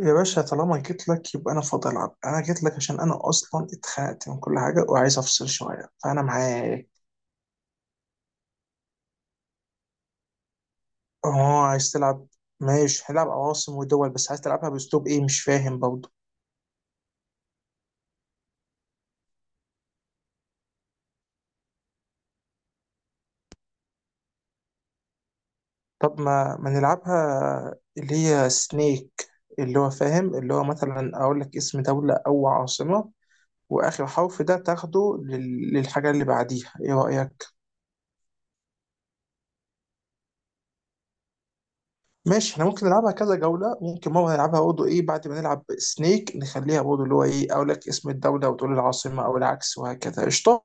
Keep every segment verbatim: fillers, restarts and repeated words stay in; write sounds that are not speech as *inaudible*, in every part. يا باشا، طالما جيت لك يبقى انا فاضي. العب، انا جيت لك عشان انا اصلا اتخنقت من كل حاجه وعايز افصل شويه، فانا معاك. اه، عايز تلعب؟ ماشي هنلعب عواصم ودول، بس عايز تلعبها باسلوب ايه؟ مش فاهم برضه. طب ما ما نلعبها اللي هي سنيك، اللي هو فاهم، اللي هو مثلا اقول لك اسم دوله او عاصمه، واخر حرف ده تاخده لل- للحاجه اللي بعديها. ايه رايك؟ ماشي، احنا ممكن نلعبها كذا جولة. ممكن مرة نلعبها برضه ايه، بعد ما نلعب سنيك نخليها برضه اللي هو ايه، اقول لك اسم الدولة وتقول العاصمة او العكس، وهكذا. قشطة،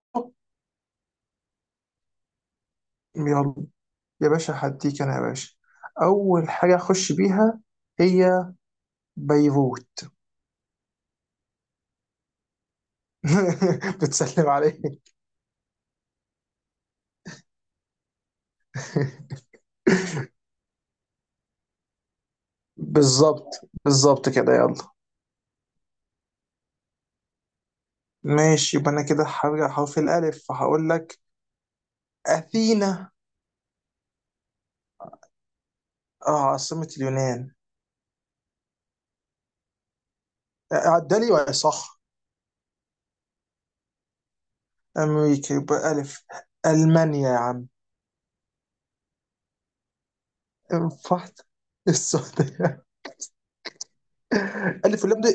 يلا يا باشا، هديك انا يا باشا. اول حاجة اخش بيها هي بيروت. *laughs* بتسلم عليك. *laughs* بالظبط بالظبط كده، يلا. ماشي، يبقى انا كده هرجع حرف الالف، فهقول لك اثينا. آه، عاصمة اليونان. عدالي ولا صح؟ أمريكا يبقى ألف. ألمانيا يا عم. انفحت. السعودية. *laughs* ألف، هولندا.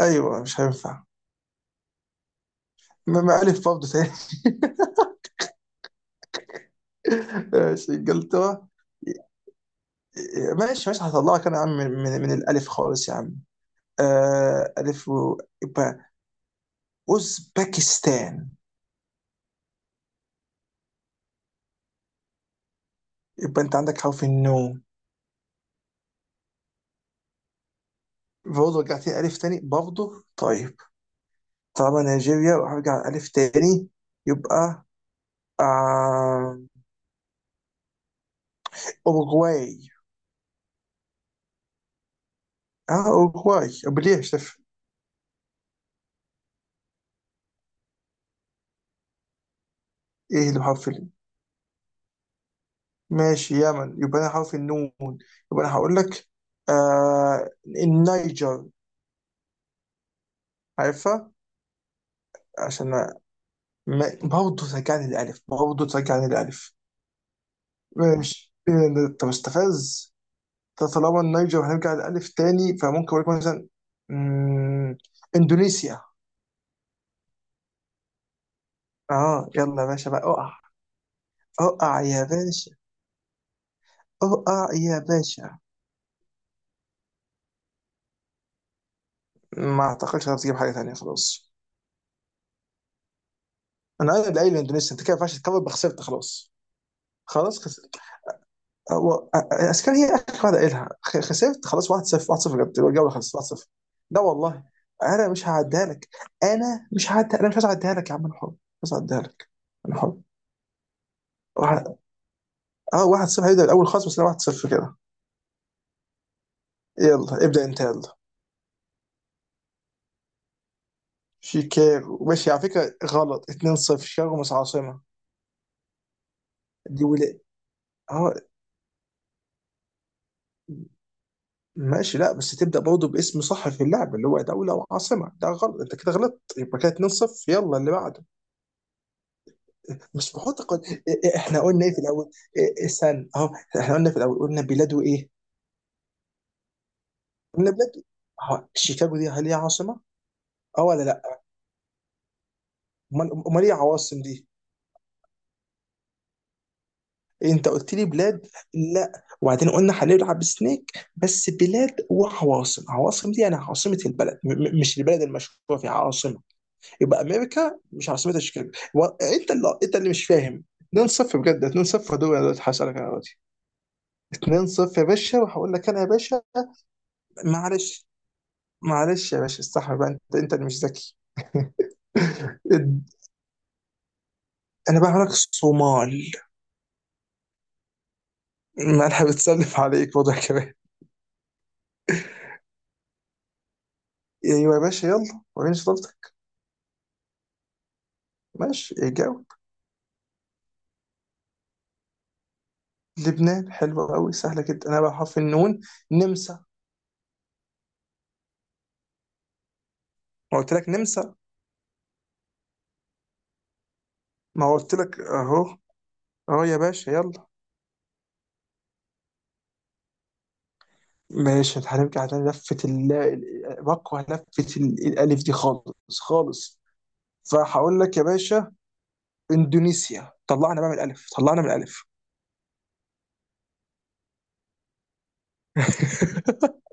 أيوة، مش هينفع. ما ما ألف برضه تاني. *laughs* ماشي، إنجلترا. ماشي ماشي، هطلعك أنا يا عم من, من, من الألف خالص يا عم. آه، ألف و... يبقى أوزبكستان. يبقى أنت عندك حرف النو. برضه رجعت لي ألف تاني برضه. طيب، طالما نيجيريا وهرجع ألف تاني، يبقى آه... أوروغواي. اه، اوروغواي بليه، شف. ايه اللي بحرف ال؟ ماشي، يمن، يبقى انا حرف النون. يبقى انا هقول لك آه، النيجر. عارفها؟ عشان ما برضه ترجعني للالف، برضه ترجعني للالف. ماشي إيه، طب استفز. طب طالما النيجر هنرجع للالف تاني، فممكن اقول لك مثلا مم، اندونيسيا. اه، يلا يا باشا بقى، اقع. اقع يا باشا، اقع يا باشا. ما اعتقدش هتجيب حاجه تانيه، خلاص. انا قايل قايل الاندونيسي، انت كده ما ينفعش تكفر، خسرت خلاص. خلاص، خسرت. هو اسكان هي اخر واحده قايلها، خ- خسرت خلاص. واحد صفر، واحد صفر بجد، الجوله خلصت واحد صفر. لا والله، انا مش هعديها لك. انا مش هعديها، انا مش عايز اعديها لك يا عم، انا حر. مش عايز اعديها لك. انا حر. واحد- اه واحد صفر، هيبدا الاول خالص، بس انا واحد صفر كده. يلا ابدا انت، يلا. شيكاغو؟ ماشي، على فكره غلط، اتنين صفر. شيكاغو مش عاصمه. دي ولا؟ اه، ماشي. لا بس تبدا برضه باسم صح في اللعبه، اللي هو دوله وعاصمه، ده غلط، انت كده غلطت، يبقى كده اتنين صفر. يلا اللي بعده. مش بحط قد... إيه- إيه، احنا قلنا ايه في الاول؟ إيه- إيه سن اهو، احنا قلنا في الاول، قلنا بلاده ايه. قلنا بلاده أهو، شيكاغو دي هل هي عاصمه؟ اه ولا لا؟ امال امال ايه عواصم دي؟ إيه، انت قلت لي بلاد. لا. وبعدين قلنا هنلعب سنيك، بس بلاد وعواصم. عواصم دي يعني عاصمه البلد، م م- مش البلد المشهوره فيها عاصمه. يبقى امريكا مش عاصمتها شيكاغو و- انت اللي، انت اللي مش فاهم. اتنين صفر بجد، اتنين صفر دول. انا دلوقتي هسألك انا دلوقتي، اتنين صفر يا باشا، وهقول لك انا يا باشا. معلش، معلش يا باشا، استحمل بقى، انت انت اللي مش ذكي. *laughs* اد- انا بقى هقول لك صومال. ما انا بتسلف عليك وضع كمان. ايوه يا باشا، يلا وريني شطارتك. ماشي، جاوب. لبنان حلوه قوي، سهله جدا. انا بقى حرف النون، نمسا. ما قلت لك نمسا. ما قلت لك اهو. اهو يا باشا، يلا. ماشي، هنرجع على لفة ال ال- بكره لفة ال- الألف دي خالص خالص. فهقول لك يا باشا إندونيسيا. طلعنا بقى من الألف، طلعنا من الألف. *laughs*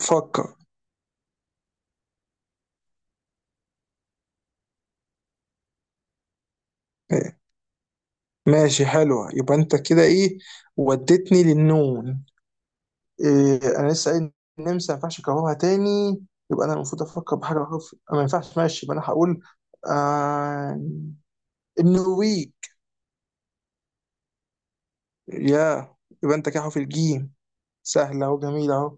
فكر. إيه، ماشي حلوة، يبقى أنت كده إيه، وديتني للنون. إيه، أنا لسه قايل النمسا، ما ينفعش أكررها تاني. يبقى أنا المفروض أفكر بحاجة أخف. ما ينفعش، ماشي، يبقى أنا هقول آه، النرويج. يا، يبقى أنت كده أهو في الجيم، سهلة وجميلة أهو.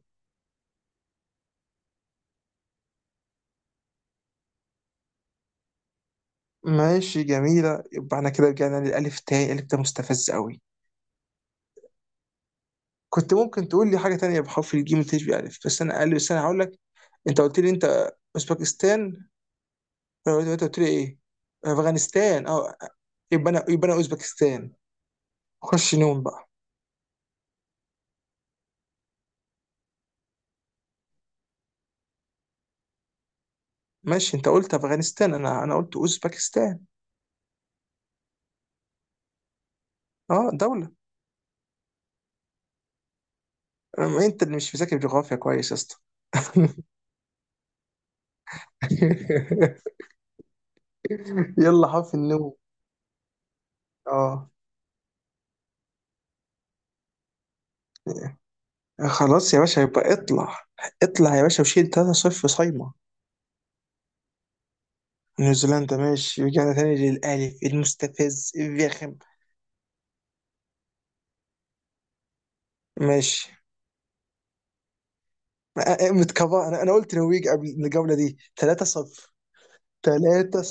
ماشي جميلة، يبقى احنا كده رجعنا للألف تاني، الألف ده مستفز قوي. كنت ممكن تقول لي حاجة تانية بحرف الجيم تشبه ألف، بس أنا قال، بس أنا هقول لك. أنت قلت لي أنت أوزبكستان. أنت قلت لي إيه؟ أفغانستان. أه، يبقى أنا يبقى أنا أوزبكستان. خش نوم بقى. ماشي، أنت قلت أفغانستان، أنا أنا قلت أوزبكستان. أه، دولة. أما أنت اللي مش مذاكر جغرافيا كويس يا اسطى. *laughs* يلا، حرف النوم. أه. خلاص يا باشا، يبقى اطلع. اطلع يا باشا، وشيل تلاتة صفر صايمة. نيوزيلندا؟ ماشي، رجعنا تاني للألف المستفز الرخم. ماشي. آه، آه، متكفى، انا انا قلت نرويج قبل الجولة دي، تلاتة صفر. تلاتة،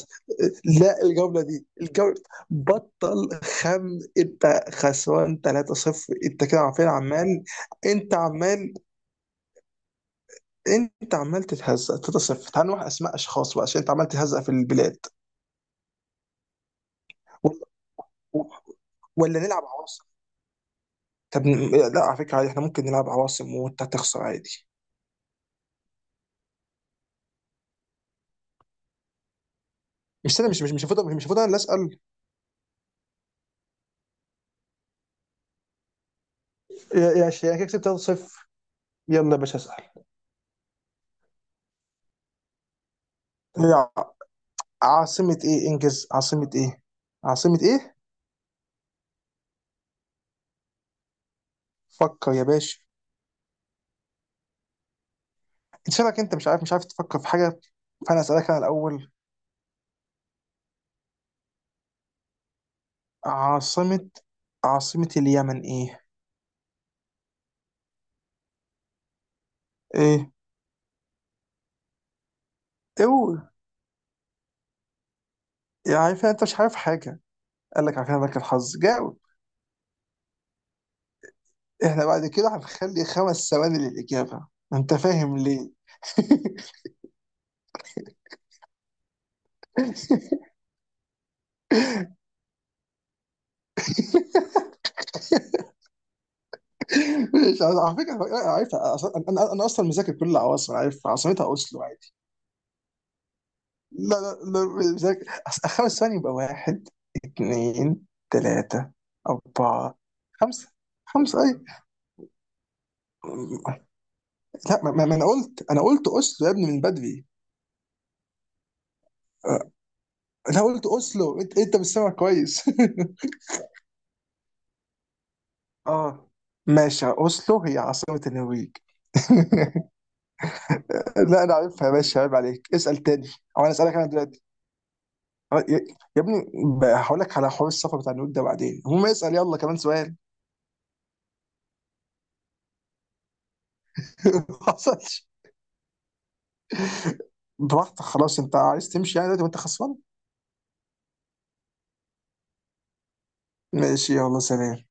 لا، الجولة دي الجولة، بطل خم، انت خسران تلاتة صفر، انت كده، عارفين عمال. انت عمال، انت عمال تتهزق تلاتة صفر. تعال نروح اسماء اشخاص بقى، عشان انت عمال تتهزق في البلاد. ولا، ولا نلعب عواصم؟ طب لا، على فكرة عادي، احنا ممكن نلعب عواصم وانت هتخسر عادي. مش، استنى، مش مش مش المفروض، مش المفروض انا اللي اسال؟ يا يا عشان يعني كده كسبت تلاتة صفر. يلا يا باشا، اسال. لا. عاصمة ايه؟ انجز، عاصمة ايه؟ عاصمة ايه؟ فكر يا باشا. انت شبك، انت مش عارف، مش عارف تفكر في حاجة. فانا اسألك انا الاول. عاصمة، عاصمة اليمن ايه؟ ايه؟ اوه. يا عارف، انت مش عارف حاجة. قال لك عارفين لك الحظ، جاوب. احنا بعد كده هنخلي خمس ثواني للإجابة، انت فاهم ليه؟ *laughs* مش عايز- على فكره أنا عارفها أصلاً- انا انا أنا اصلا مذاكر كل العواصم، أنا عارف عاصمتها اوسلو، عادي. لا لا لا مذاكر، أص- خمس ثواني يبقى واحد، اثنين، ثلاثه، اربعه، خمسه. خمسه اي. لا، ما, ما ما انا قلت انا قلت اوسلو يا ابني من بدري. أه، انا قلت اوسلو، انت انت مش سامع كويس. *laughs* اه، ماشي، اوسلو هي عاصمه النرويج. *laughs* لا انا عارفها يا باشا، عيب عليك، اسال تاني. او انا اسالك انا دلوقتي، آه، يا يا ابني، بقى هقول لك على حوار السفر بتاع النود ده بعدين، هو ما يسأل يلا كمان سؤال. *laughs* ما حصلش. براحتك، خلاص، انت عايز تمشي يعني دلوقتي وانت خسران. ماشي يلا، سلام.